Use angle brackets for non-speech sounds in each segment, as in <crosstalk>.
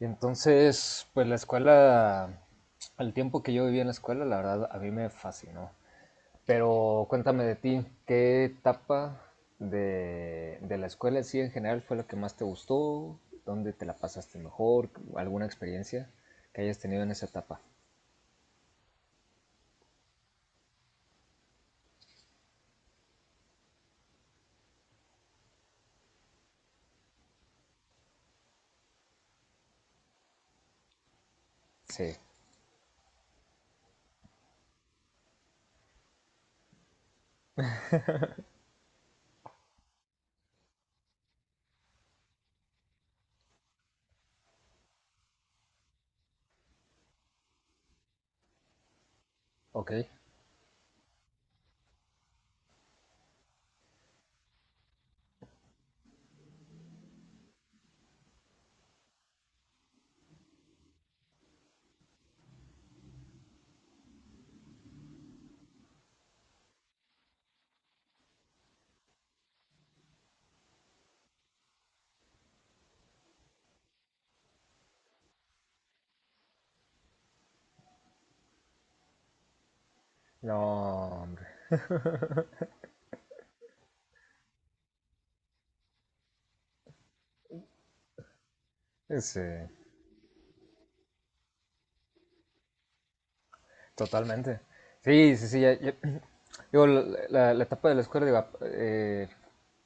Y entonces, pues la escuela, el tiempo que yo viví en la escuela, la verdad, a mí me fascinó. Pero cuéntame de ti, ¿qué etapa de la escuela en sí en general fue la que más te gustó? ¿Dónde te la pasaste mejor? ¿Alguna experiencia que hayas tenido en esa etapa? Sí, ok. No, hombre. Ese, totalmente. Sí, sí, sí. <clears throat> Digo, la etapa de la escuela, digo,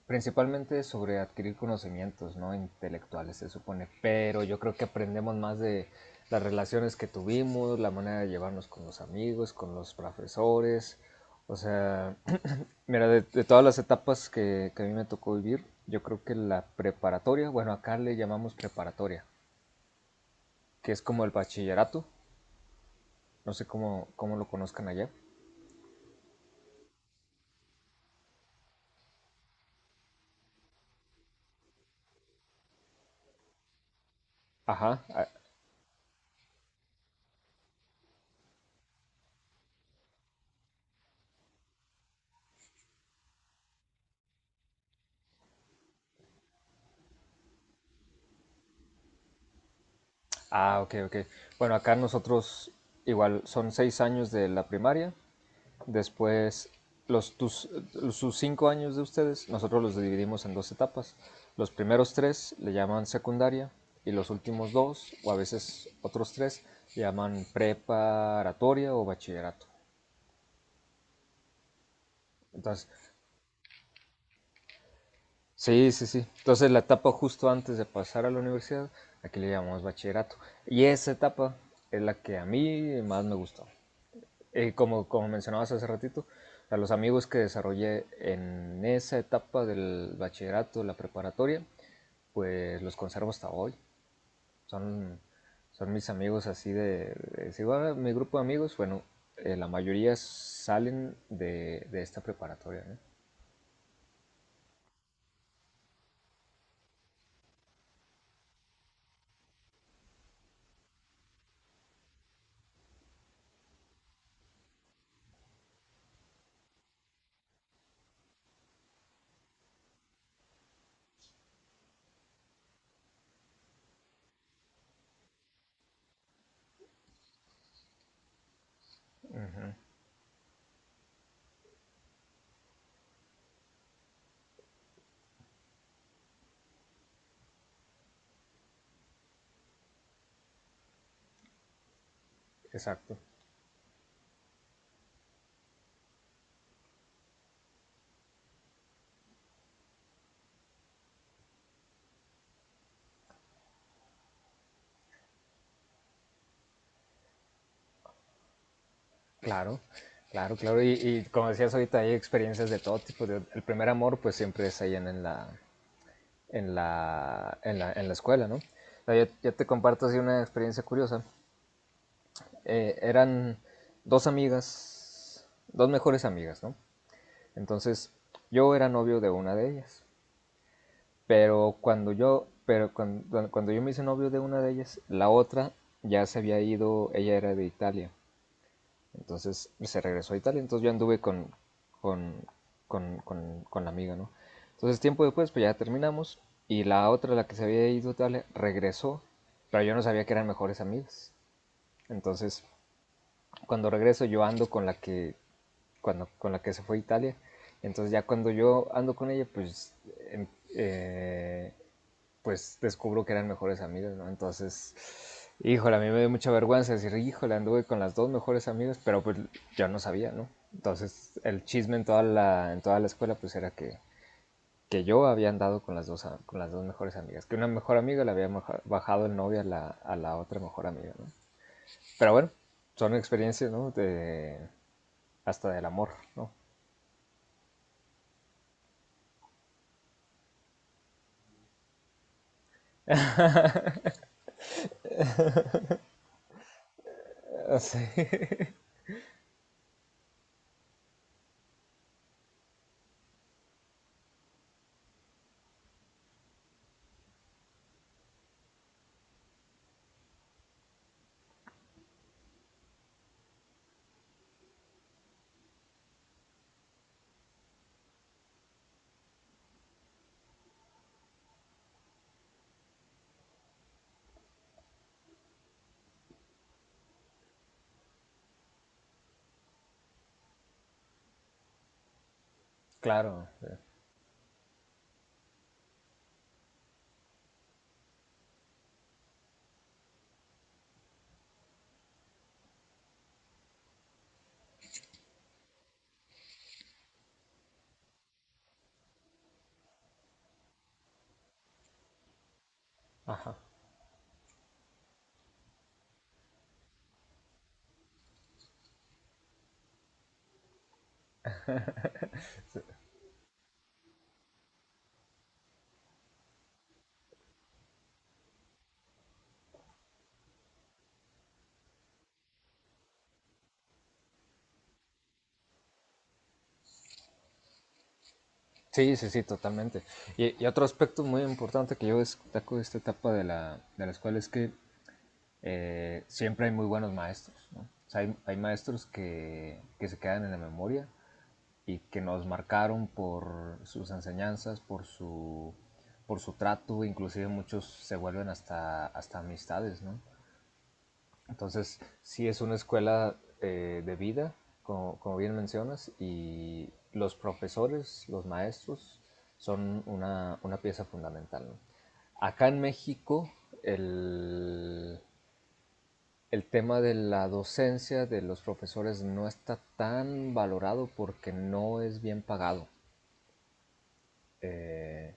principalmente sobre adquirir conocimientos, ¿no? Intelectuales, se supone. Pero yo creo que aprendemos más de las relaciones que tuvimos, la manera de llevarnos con los amigos, con los profesores. O sea, <clears throat> mira, de todas las etapas que a mí me tocó vivir, yo creo que la preparatoria, bueno, acá le llamamos preparatoria, que es como el bachillerato. No sé cómo, cómo lo conozcan allá. Ajá, ah, ok, ok. Bueno, acá nosotros igual son 6 años de la primaria, después los, tus- sus 5 años de ustedes, nosotros los dividimos en dos etapas. Los primeros tres le llaman secundaria y los últimos dos, o a veces otros tres, le llaman preparatoria o bachillerato. Entonces, sí, sí, sí. Entonces la etapa justo antes de pasar a la universidad, aquí le llamamos bachillerato. Y esa etapa es la que a mí más me gustó. Como, como mencionabas hace ratito, a los amigos que desarrollé en esa etapa del bachillerato, la preparatoria, pues los conservo hasta hoy. Son, son mis amigos así si va mi grupo de amigos, bueno, la mayoría salen de esta preparatoria, ¿no? Exacto, claro, claro, claro. Y como decías ahorita, hay experiencias de todo tipo. El primer amor pues siempre es allá en la escuela, ¿no? Yo te comparto así una experiencia curiosa. Eran dos amigas, dos mejores amigas, ¿no? Entonces, yo era novio de una de ellas, pero cuando yo me hice novio de una de ellas, la otra ya se había ido, ella era de Italia. Entonces se regresó a Italia, entonces yo anduve con, con la amiga, ¿no? Entonces tiempo después, pues ya terminamos y la otra, la que se había ido a Italia, regresó, pero yo no sabía que eran mejores amigas. Entonces cuando regreso yo ando con la que se fue a Italia, entonces ya cuando yo ando con ella, pues em- eh, pues descubro que eran mejores amigas, ¿no? Entonces, híjole, a mí me dio mucha vergüenza decir, híjole, anduve con las dos mejores amigas, pero pues yo no sabía, ¿no? Entonces, el chisme en toda la escuela pues era que yo había andado con las dos mejores amigas, que una mejor amiga le había bajado el novio a la otra mejor amiga, ¿no? Pero bueno, son experiencias, ¿no? De, hasta del amor, ¿no? Sí. <laughs> Claro. Ajá. Sí, sí, sí, totalmente. Y otro aspecto muy importante que yo destaco de esta etapa de la escuela es que siempre hay muy buenos maestros, ¿no? O sea, hay maestros que se quedan en la memoria y que nos marcaron por sus enseñanzas, por su trato, inclusive muchos se vuelven hasta, hasta amistades, ¿no? Entonces, sí es una escuela de vida, como, como bien mencionas, y los profesores, los maestros, son una pieza fundamental, ¿no? Acá en México, el, el tema de la docencia de los profesores no está tan valorado porque no es bien pagado. Eh,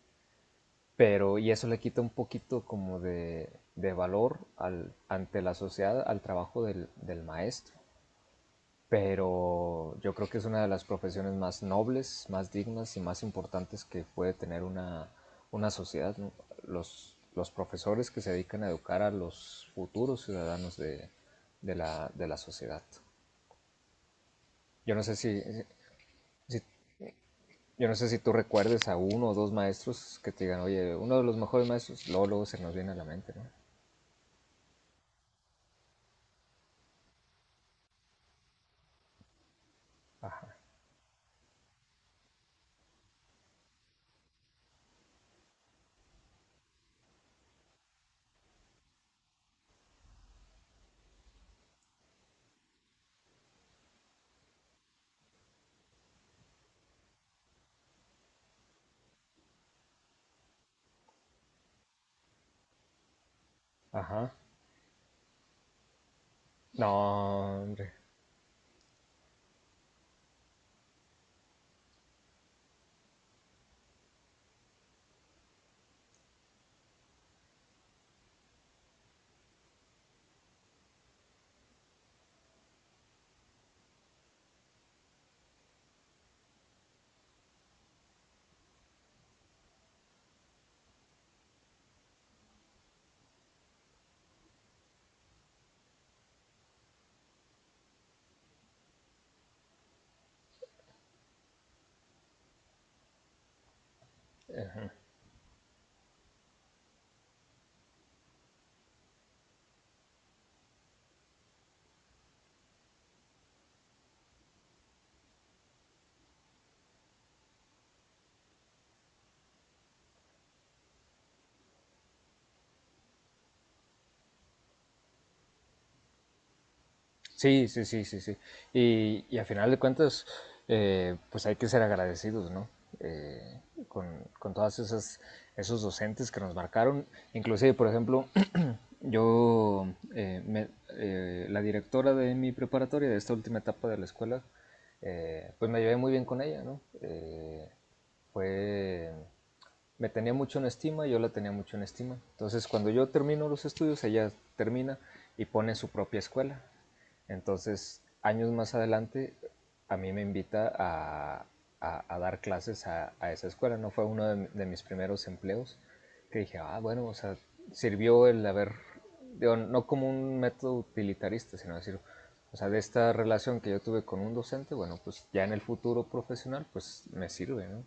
pero, y eso le quita un poquito como de valor al, ante la sociedad al trabajo del, del maestro. Pero yo creo que es una de las profesiones más nobles, más dignas y más importantes que puede tener una sociedad, ¿no? Los profesores que se dedican a educar a los futuros ciudadanos de la sociedad. Yo no sé si, si- yo no sé si tú recuerdes a uno o dos maestros que te digan, oye, uno de los mejores maestros, luego, luego se nos viene a la mente, ¿no? Ajá, ajá. No, hombre. Sí, sí, sí, sí, sí. Y a final de cuentas, pues hay que ser agradecidos, ¿no? Eh, con, con todas esas, esos docentes que nos marcaron. Inclusive, por ejemplo, <clears throat> yo, eh, me- la directora de mi preparatoria, de esta última etapa de la escuela, pues me llevé muy bien con ella, ¿no? Fue Me tenía mucho en estima, yo la tenía mucho en estima. Entonces, cuando yo termino los estudios, ella termina y pone su propia escuela. Entonces, años más adelante, a mí me invita a dar clases esa escuela. No fue uno de, mis primeros empleos que dije, ah, bueno, o sea, sirvió el haber, digo, no como un método utilitarista, sino decir, o sea, de esta relación que yo tuve con un docente, bueno, pues ya en el futuro profesional, pues me sirve, ¿no?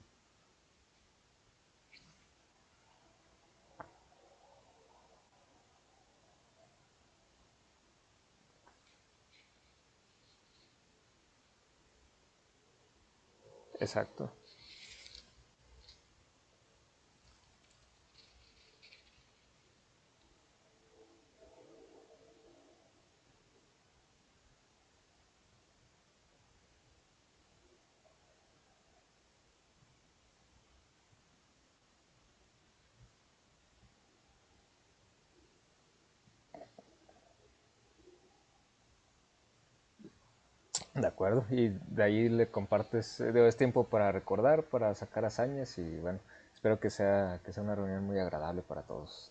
Exacto. De acuerdo, y de ahí le compartes, digo, es tiempo para recordar, para sacar hazañas y bueno, espero que sea una reunión muy agradable para todos.